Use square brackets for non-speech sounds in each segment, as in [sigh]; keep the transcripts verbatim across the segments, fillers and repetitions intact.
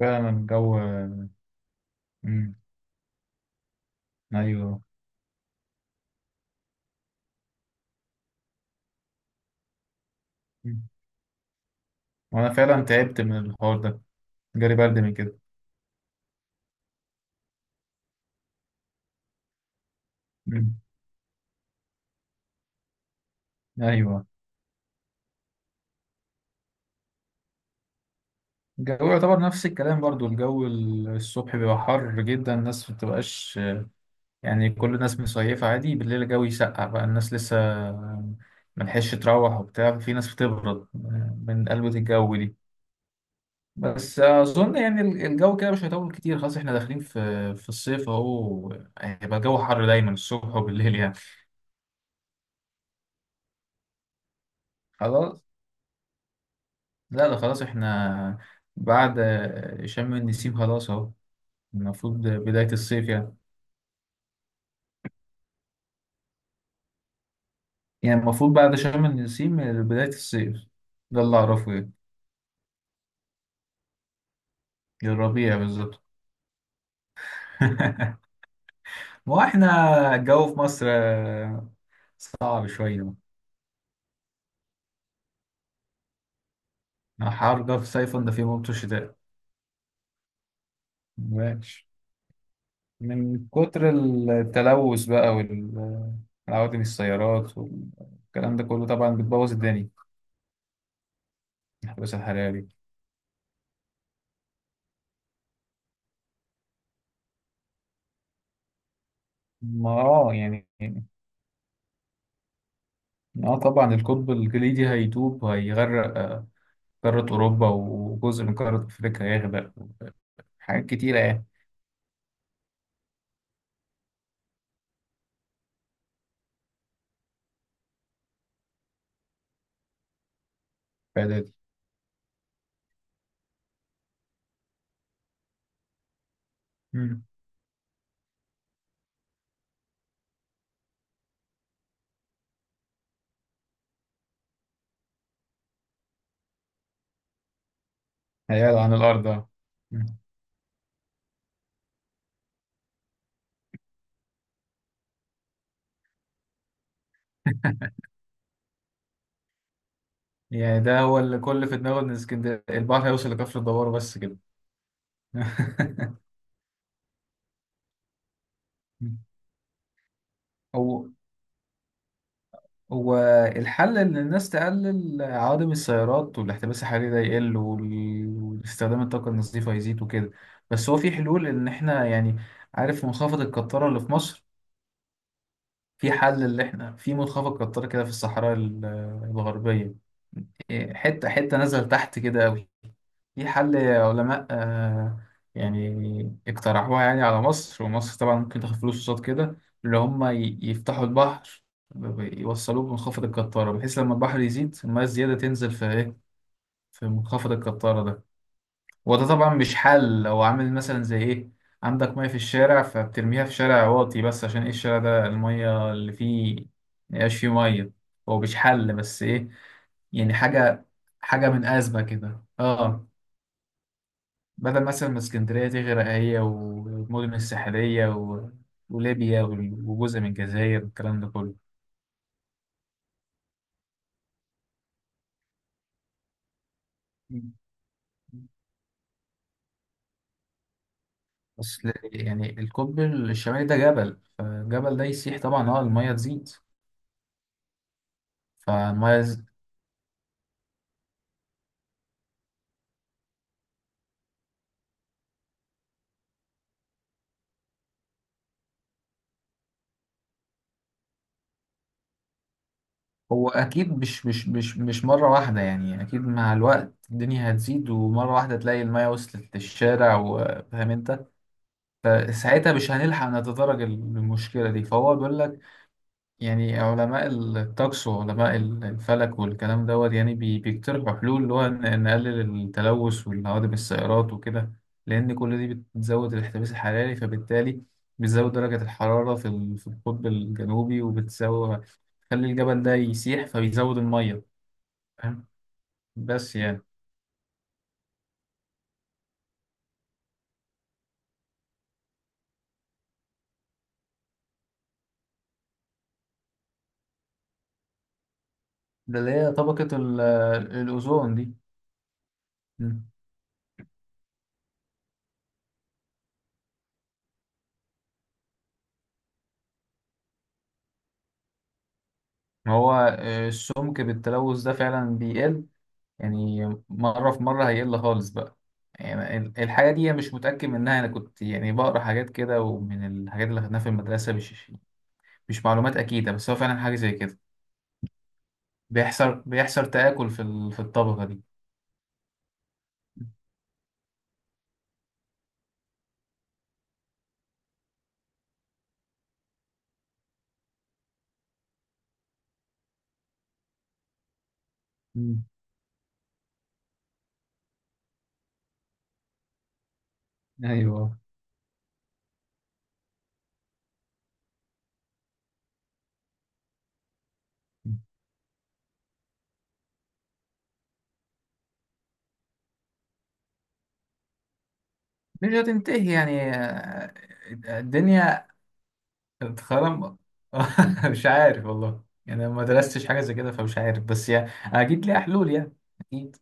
فعلا الجو. مم. ايوه. مم. وانا فعلا تعبت من الحوار ده. جالي برد من كده. مم. ايوه. الجو يعتبر نفس الكلام برضو. الجو ال- الصبح بيبقى حر جدا، الناس ما بتبقاش، يعني كل الناس مصيفة عادي. بالليل الجو يسقع بقى، الناس لسه ملحقش تروح وبتاع. في ناس بتبرد من قلبة الجو دي. بس اظن يعني ال- الجو كده مش هيطول كتير، خلاص احنا داخلين في في الصيف اهو. هيبقى الجو حر دايما الصبح وبالليل يعني. خلاص. لا، ده خلاص احنا بعد شم النسيم خلاص اهو، المفروض بداية الصيف يعني. يعني المفروض بعد شم النسيم بداية الصيف، ده اللي اعرفه يعني. الربيع بالظبط. [laughs] ما هو احنا الجو في مصر صعب شوية. حر ده في صيف، ده في موت الشتاء. ماشي. من كتر التلوث بقى والعوادم السيارات والكلام ده كله طبعا بتبوظ الدنيا. الاحتباس الحراري. ما اه يعني. اه طبعا القطب الجليدي هيدوب وهيغرق، آه، قارة أوروبا وجزء من قارة أفريقيا هيغرق. حاجات كتيرة يعني. الفايدة دي. مم. هيقلع عن الأرض اه. مم. [laughs] يعني ده هو اللي كل في دماغه إن اسكندرية البحر هيوصل لكفر الدوار بس كده. [laughs] هو. هو الحل إن الناس تقلل عوادم السيارات والاحتباس الحراري ده يقل، وال- واستخدام الطاقة النظيفة يزيد وكده. بس هو في حلول إن إحنا يعني. عارف منخفض القطارة اللي في مصر؟ في حل، اللي احنا في منخفض قطري كده في الصحراء ال- الغربية. إيه، حتة حتة نزل تحت كده أوي. في حل علماء آه، يعني اقترحوها يعني على مصر، ومصر طبعا ممكن تاخد فلوس قصاد كده. اللي هم ي- يفتحوا البحر، ب- ب- يوصلوه بمنخفض القطارة، بحيث لما البحر يزيد المياه الزيادة تنزل في ايه؟ في منخفض القطارة ده. وده طبعا مش حل، لو عامل مثلا زي ايه، عندك مية في الشارع فبترميها في شارع واطي بس، عشان ايه؟ الشارع ده المية اللي فيه ميبقاش فيه مية. هو مش حل بس ايه، يعني حاجة، حاجة من أزمة كده اه. بدل مثلا ما اسكندرية تغرق هي والمدن الساحلية و... وليبيا وال- وجزء من الجزائر والكلام ده كله. بس لا- يعني القطب الشمالي ده جبل، فالجبل ده يسيح طبعا اه، المية تزيد. فالمية. هو اكيد مش مش مش مش مره واحده، يعني اكيد مع الوقت الدنيا هتزيد، ومره واحده تلاقي الميه وصلت للشارع، وفاهم انت. فساعتها مش هنلحق نتدرج المشكله دي، فهو بيقول لك يعني علماء الطقس وعلماء الفلك والكلام دوت، يعني بي- بيقترحوا حلول اللي هو ن- نقلل التلوث والهوادم السيارات وكده. لان كل دي بتزود الاحتباس الحراري، فبالتالي بتزود درجة الحرارة في ال- في القطب الجنوبي، وبتزود تخلي الجبل ده يسيح فبيزود المية. فاهم؟ بس يعني ده اللي هي طبقة ال- الأوزون دي. مم. هو آه، السمك بالتلوث ده فعلا بيقل، يعني مرة في مرة هيقل خالص بقى. يعني ال- الحاجة دي أنا مش متأكد منها، أنا كنت يعني بقرأ حاجات كده ومن الحاجات اللي خدناها في المدرسة، مش مش معلومات أكيدة بس هو فعلا حاجة زي كده. بيحصل بيحصل تآكل في ال- في الطبقة دي. مم. ايوه. مش هتنتهي يعني، آه، الدنيا اتخرم. [laughs] مش عارف والله، يعني أنا ما درستش حاجة زي كده فمش عارف، بس يعني أكيد ليها حلول يعني. أكيد.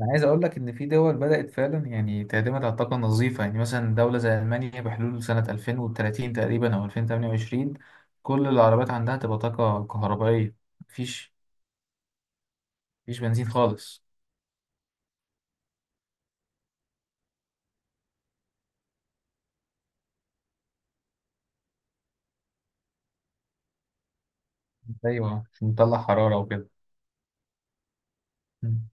أنا عايز أقول لك إن في دول بدأت فعلا يعني تعتمد على الطاقة النظيفة. يعني مثلا دولة زي ألمانيا بحلول سنة الفين وتلاتين تقريبا أو ألفين وثمانية وعشرين كل العربيات عندها تبقى طاقة كهربائية. مفيش مفيش بنزين خالص. أيوه مش مطلع حرارة وكده. مم.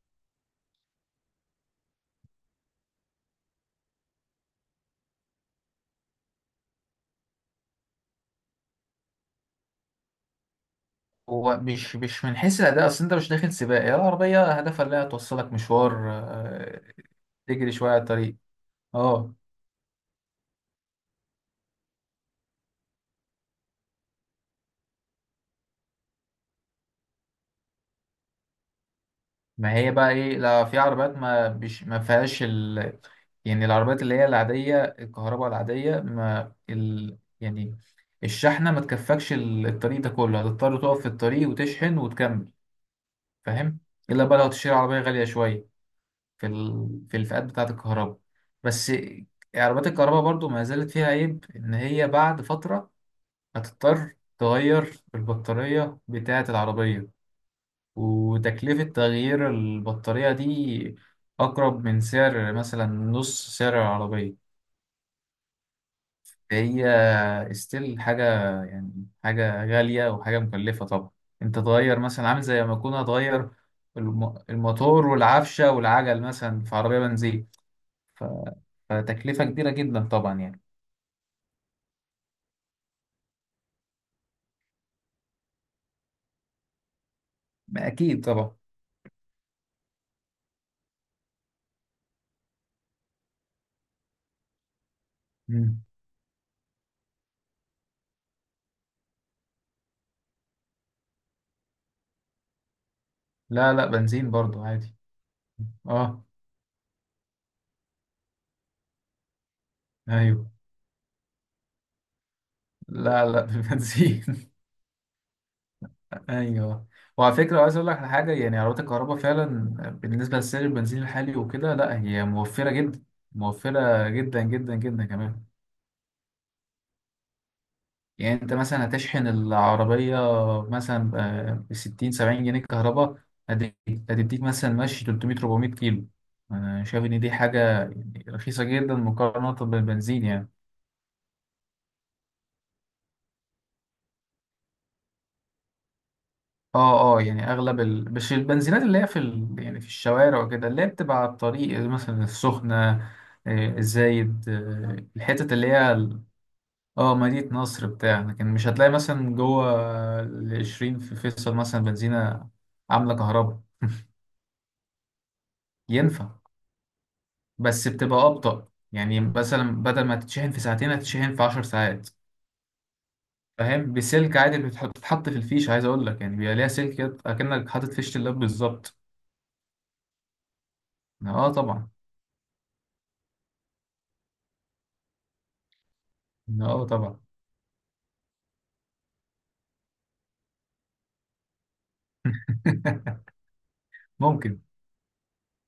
هو مش مش من حيث الأداء، أصل أنت مش داخل سباق، هي العربية هدفها إنها توصلك مشوار، آه، تجري شوية على الطريق. اه، ما هي بقى ايه، لا في عربيات ما بيش ما فيهاش ال، يعني العربيات اللي هي العادية الكهرباء العادية ما ال يعني الشحنة ما تكفكش ال- الطريق ده كله، هتضطر تقف في الطريق وتشحن وتكمل. فاهم؟ إلا بقى لو هتشتري عربية غالية شوية في ال في الفئات بتاعة الكهرباء بس. عربيات الكهرباء برضو ما زالت فيها عيب إن هي بعد فترة هتضطر تغير البطارية بتاعة العربية. وتكلفة تغيير البطارية دي أقرب من سعر مثلا نص سعر العربية. هي استيل حاجة يعني، حاجة غالية وحاجة مكلفة طبعا. أنت تغير مثلا عامل زي ما أكون هتغير الم- الموتور والعفشة والعجل مثلا في عربية بنزين. ف- فتكلفة كبيرة جدا طبعا يعني. أكيد طبعا. مم. لا لا بنزين برضو عادي. أه أيوه. لا لا [laughs] بالبنزين. ايوه. وعلى فكره عايز اقول لك على حاجه، يعني عربيات الكهرباء فعلا بالنسبه لسعر البنزين الحالي وكده لا، هي موفره جدا. موفره جدا جدا جدا كمان. يعني انت مثلا هتشحن العربيه مثلا ب ستين سبعين جنيه كهرباء، هت- هتديك مثلا ماشي تلتميه اربعميه كيلو. انا شايف ان دي حاجه يعني رخيصه جدا مقارنه بالبنزين يعني. اه اه. يعني اغلب ال... مش البنزينات اللي هي في ال... يعني في الشوارع وكده اللي هي بتبقى على الطريق، مثلا السخنة، آه، الزايد، آه، الحتت اللي هي ال- اه مدينة نصر بتاع. لكن مش هتلاقي مثلا جوه العشرين في فيصل مثلا بنزينة عاملة كهرباء. ينفع بس بتبقى أبطأ، يعني مثلا بدل ما تتشحن في ساعتين هتتشحن في عشر ساعات. فاهم؟ بسلك عادي، بتح- بتتحط في الفيش، عايز أقول لك يعني بيبقى ليها سلك كده أكنك حاطط فيشة اللاب بالظبط. اه طبعا. اه طبعا. [laughs] ممكن.